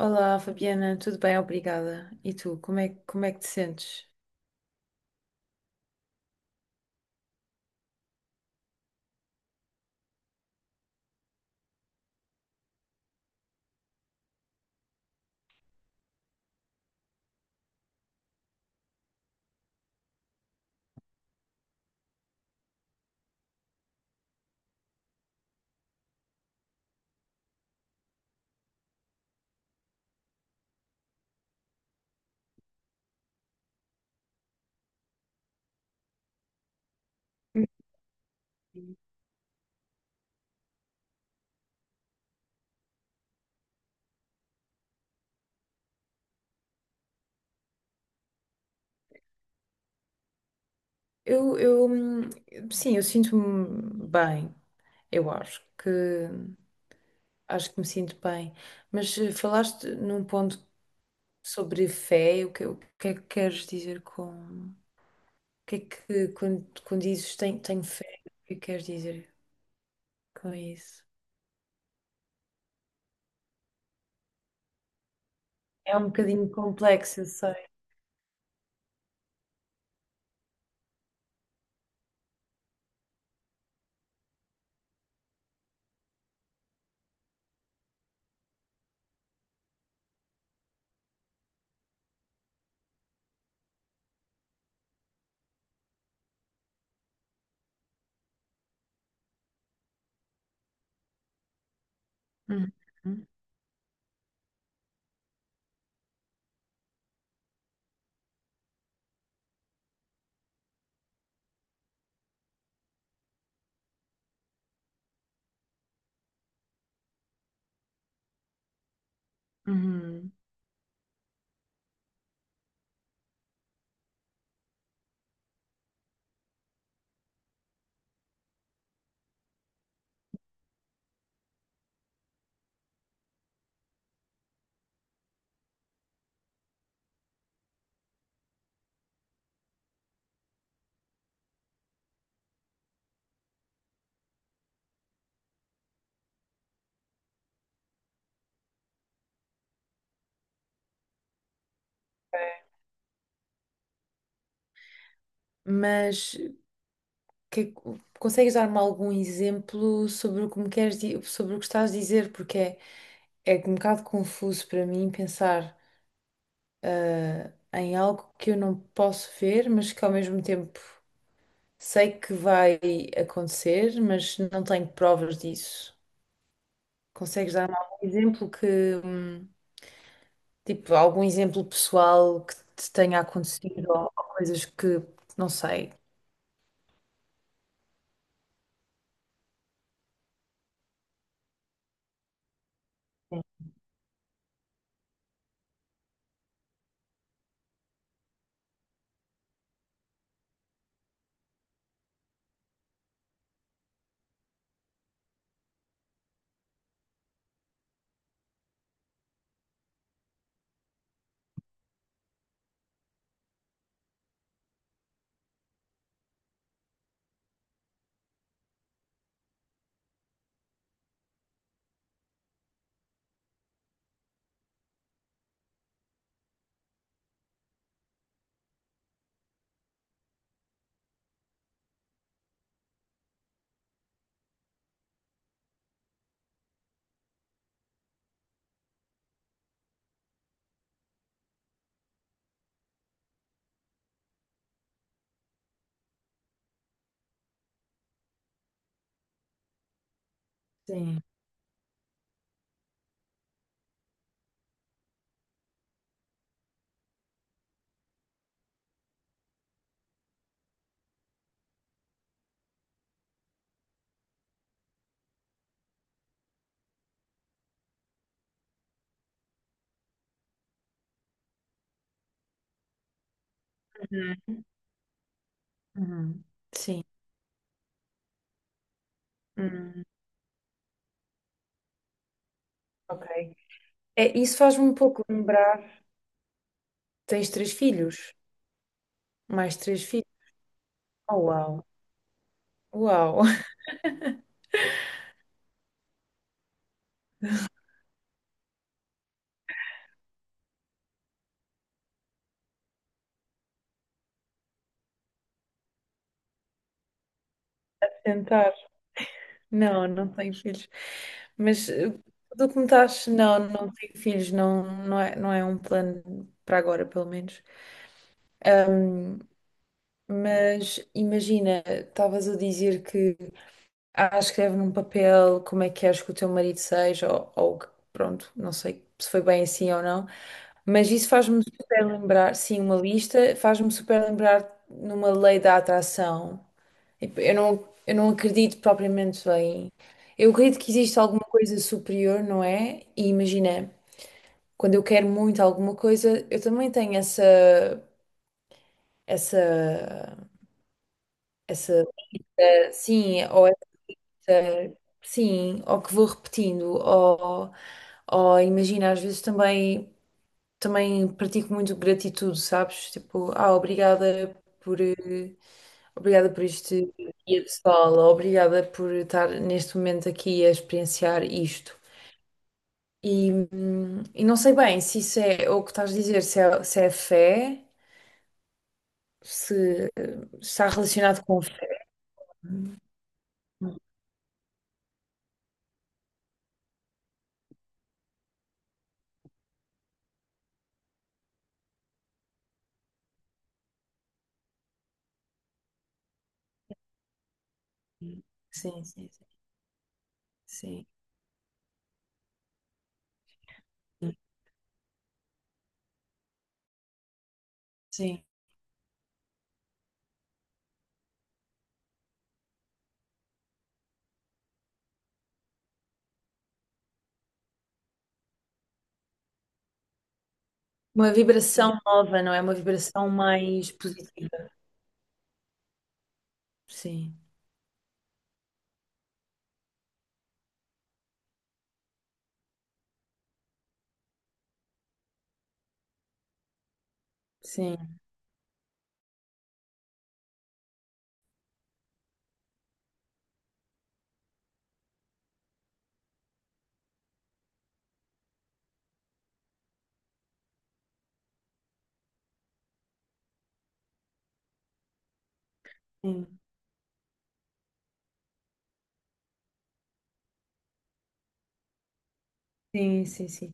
Olá, Fabiana, tudo bem? Obrigada. E tu, como é que te sentes? Eu, eu, hum, sim, eu sinto-me bem, eu acho que, acho que me sinto bem. Mas falaste num ponto sobre fé. O que é que queres dizer com, o que é que, quando, quando dizes tenho fé, o que é que queres dizer com isso? É um bocadinho complexo, eu sei. Uhum. Uhum. Mas, que- consegues dar-me algum exemplo sobre o que me queres, sobre o que estás a dizer? Porque é um bocado confuso para mim pensar em algo que eu não posso ver, mas que ao mesmo tempo sei que vai acontecer, mas não tenho provas disso. Consegues dar-me algum exemplo que, hum, tipo, algum exemplo pessoal que te tenha acontecido ou coisas que não sei. Sim. Uhum. Uhum. Sim. Hum, ok. É, isso faz-me um pouco lembrar. Tens três filhos? Mais três filhos? Oh, uau! Uau! Tentar. Não, não tenho filhos. Mas tudo o que me estás. Não, não tenho filhos. Não, não é um plano para agora, pelo menos. Ahm, mas imagina, estavas a dizer que escreve num papel como é que queres que o teu marido seja, ou, pronto, não sei se foi bem assim ou não. Mas isso faz-me super lembrar, sim, uma lista, faz-me super lembrar numa lei da atração. Tipo, eu não acredito propriamente em. Eu acredito que existe alguma coisa superior, não é? E imagina, quando eu quero muito alguma coisa, eu também tenho essa, essa, essa, sim, ou essa, sim, ou que vou repetindo, ou imagina, às vezes também pratico muito gratitude, sabes? Tipo, obrigada por este dia de escola, obrigada por estar neste momento aqui a experienciar isto. E não sei bem se isso é o que estás a dizer, se é fé, se está relacionado com fé. Sim, sim, sim. Sim. Sim. Uma vibração nova, não é? Uma vibração mais positiva. Sim, sim, sim, sim, sim, sim.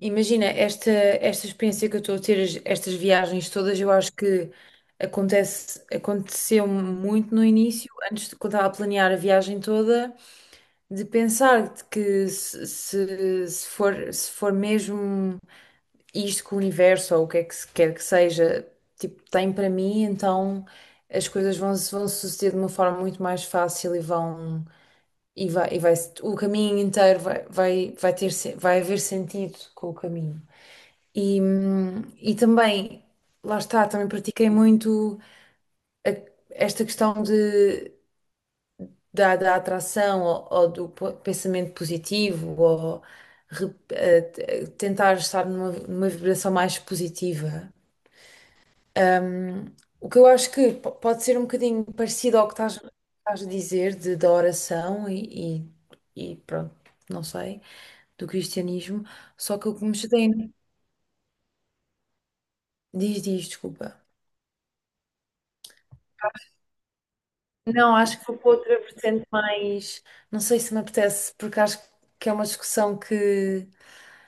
Imagina, esta experiência que eu estou a ter, estas viagens todas, eu acho que aconteceu muito no início, antes de quando estava a planear a viagem toda, de pensar de que se for mesmo. Isto que o universo ou o que é que se quer que seja, tipo, tem para mim, então as coisas vão, se- vão suceder de uma forma muito mais fácil e vai o caminho inteiro vai, vai, vai ter se- vai haver sentido com o caminho. E também, lá está, também pratiquei muito esta questão da atração ou pensamento positivo ou re- eh, t- eh, tentar estar numa vibração mais positiva. Um, o que eu acho que pode ser um bocadinho parecido ao que estás a dizer da oração e pronto, não sei, do cristianismo, só que o que me chateia, diz, diz, desculpa. Não, acho que vou para outra vertente mais, não sei se me apetece, porque acho que é uma discussão que,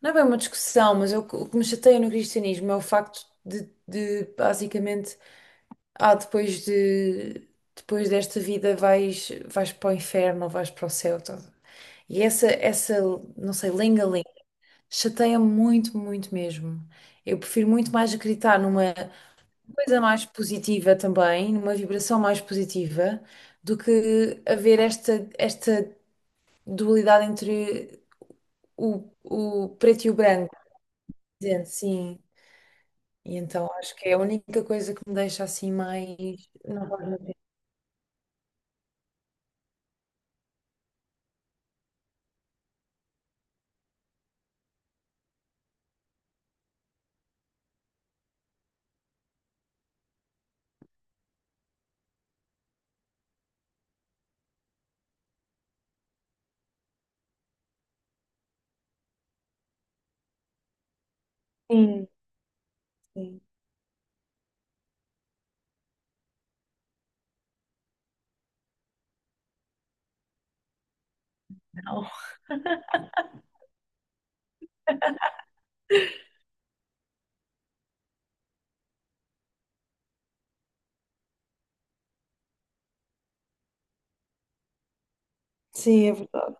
não é bem uma discussão, mas é o que me chateia no cristianismo é o facto de basicamente ah, depois de depois desta vida vais para o inferno, ou vais para o céu. Tá? E essa, não sei, lenga-lenga, chateia-me muito, muito mesmo. Eu prefiro muito mais acreditar numa coisa mais positiva também, numa vibração mais positiva, do que haver esta dualidade entre o preto e o branco. Dizendo sim. E então acho que é a única coisa que me deixa assim mais. Não vale a pena. Sim, sim, sim, é verdade.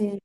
Sim,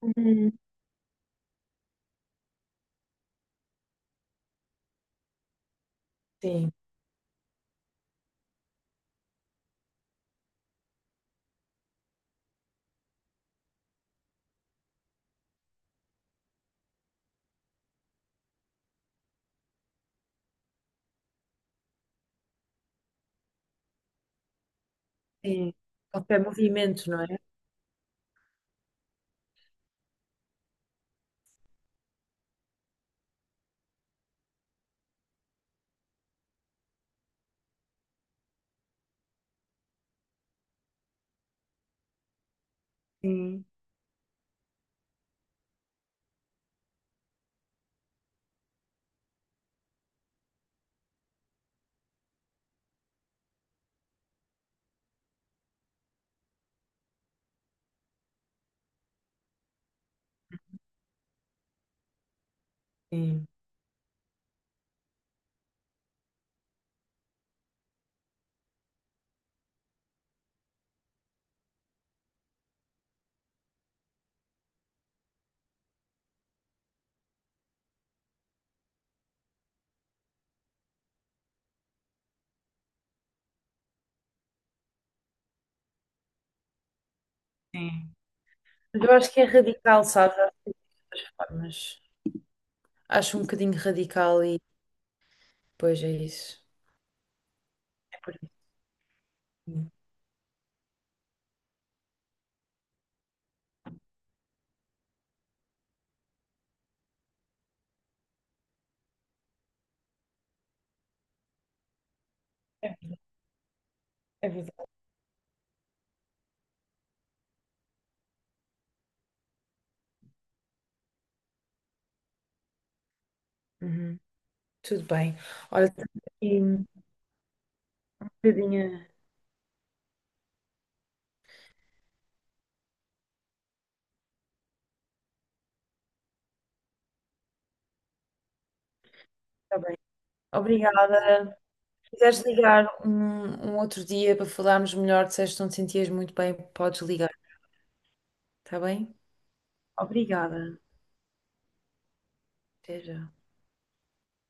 uhum, sim. Sim, qualquer movimento, não é? Sim, sim. Sim. Mas eu acho que é radical, sabes? Acho que tem muitas formas. Acho um bocadinho radical e depois é isso. É por isso. Sim. É, é verdade. Uhum. Tudo bem. Olha, tenho aqui um bocadinho. Está bem. Obrigada. Se quiseres ligar um outro dia para falarmos melhor, se não te sentias muito bem, podes ligar. Está bem? Obrigada. Até já.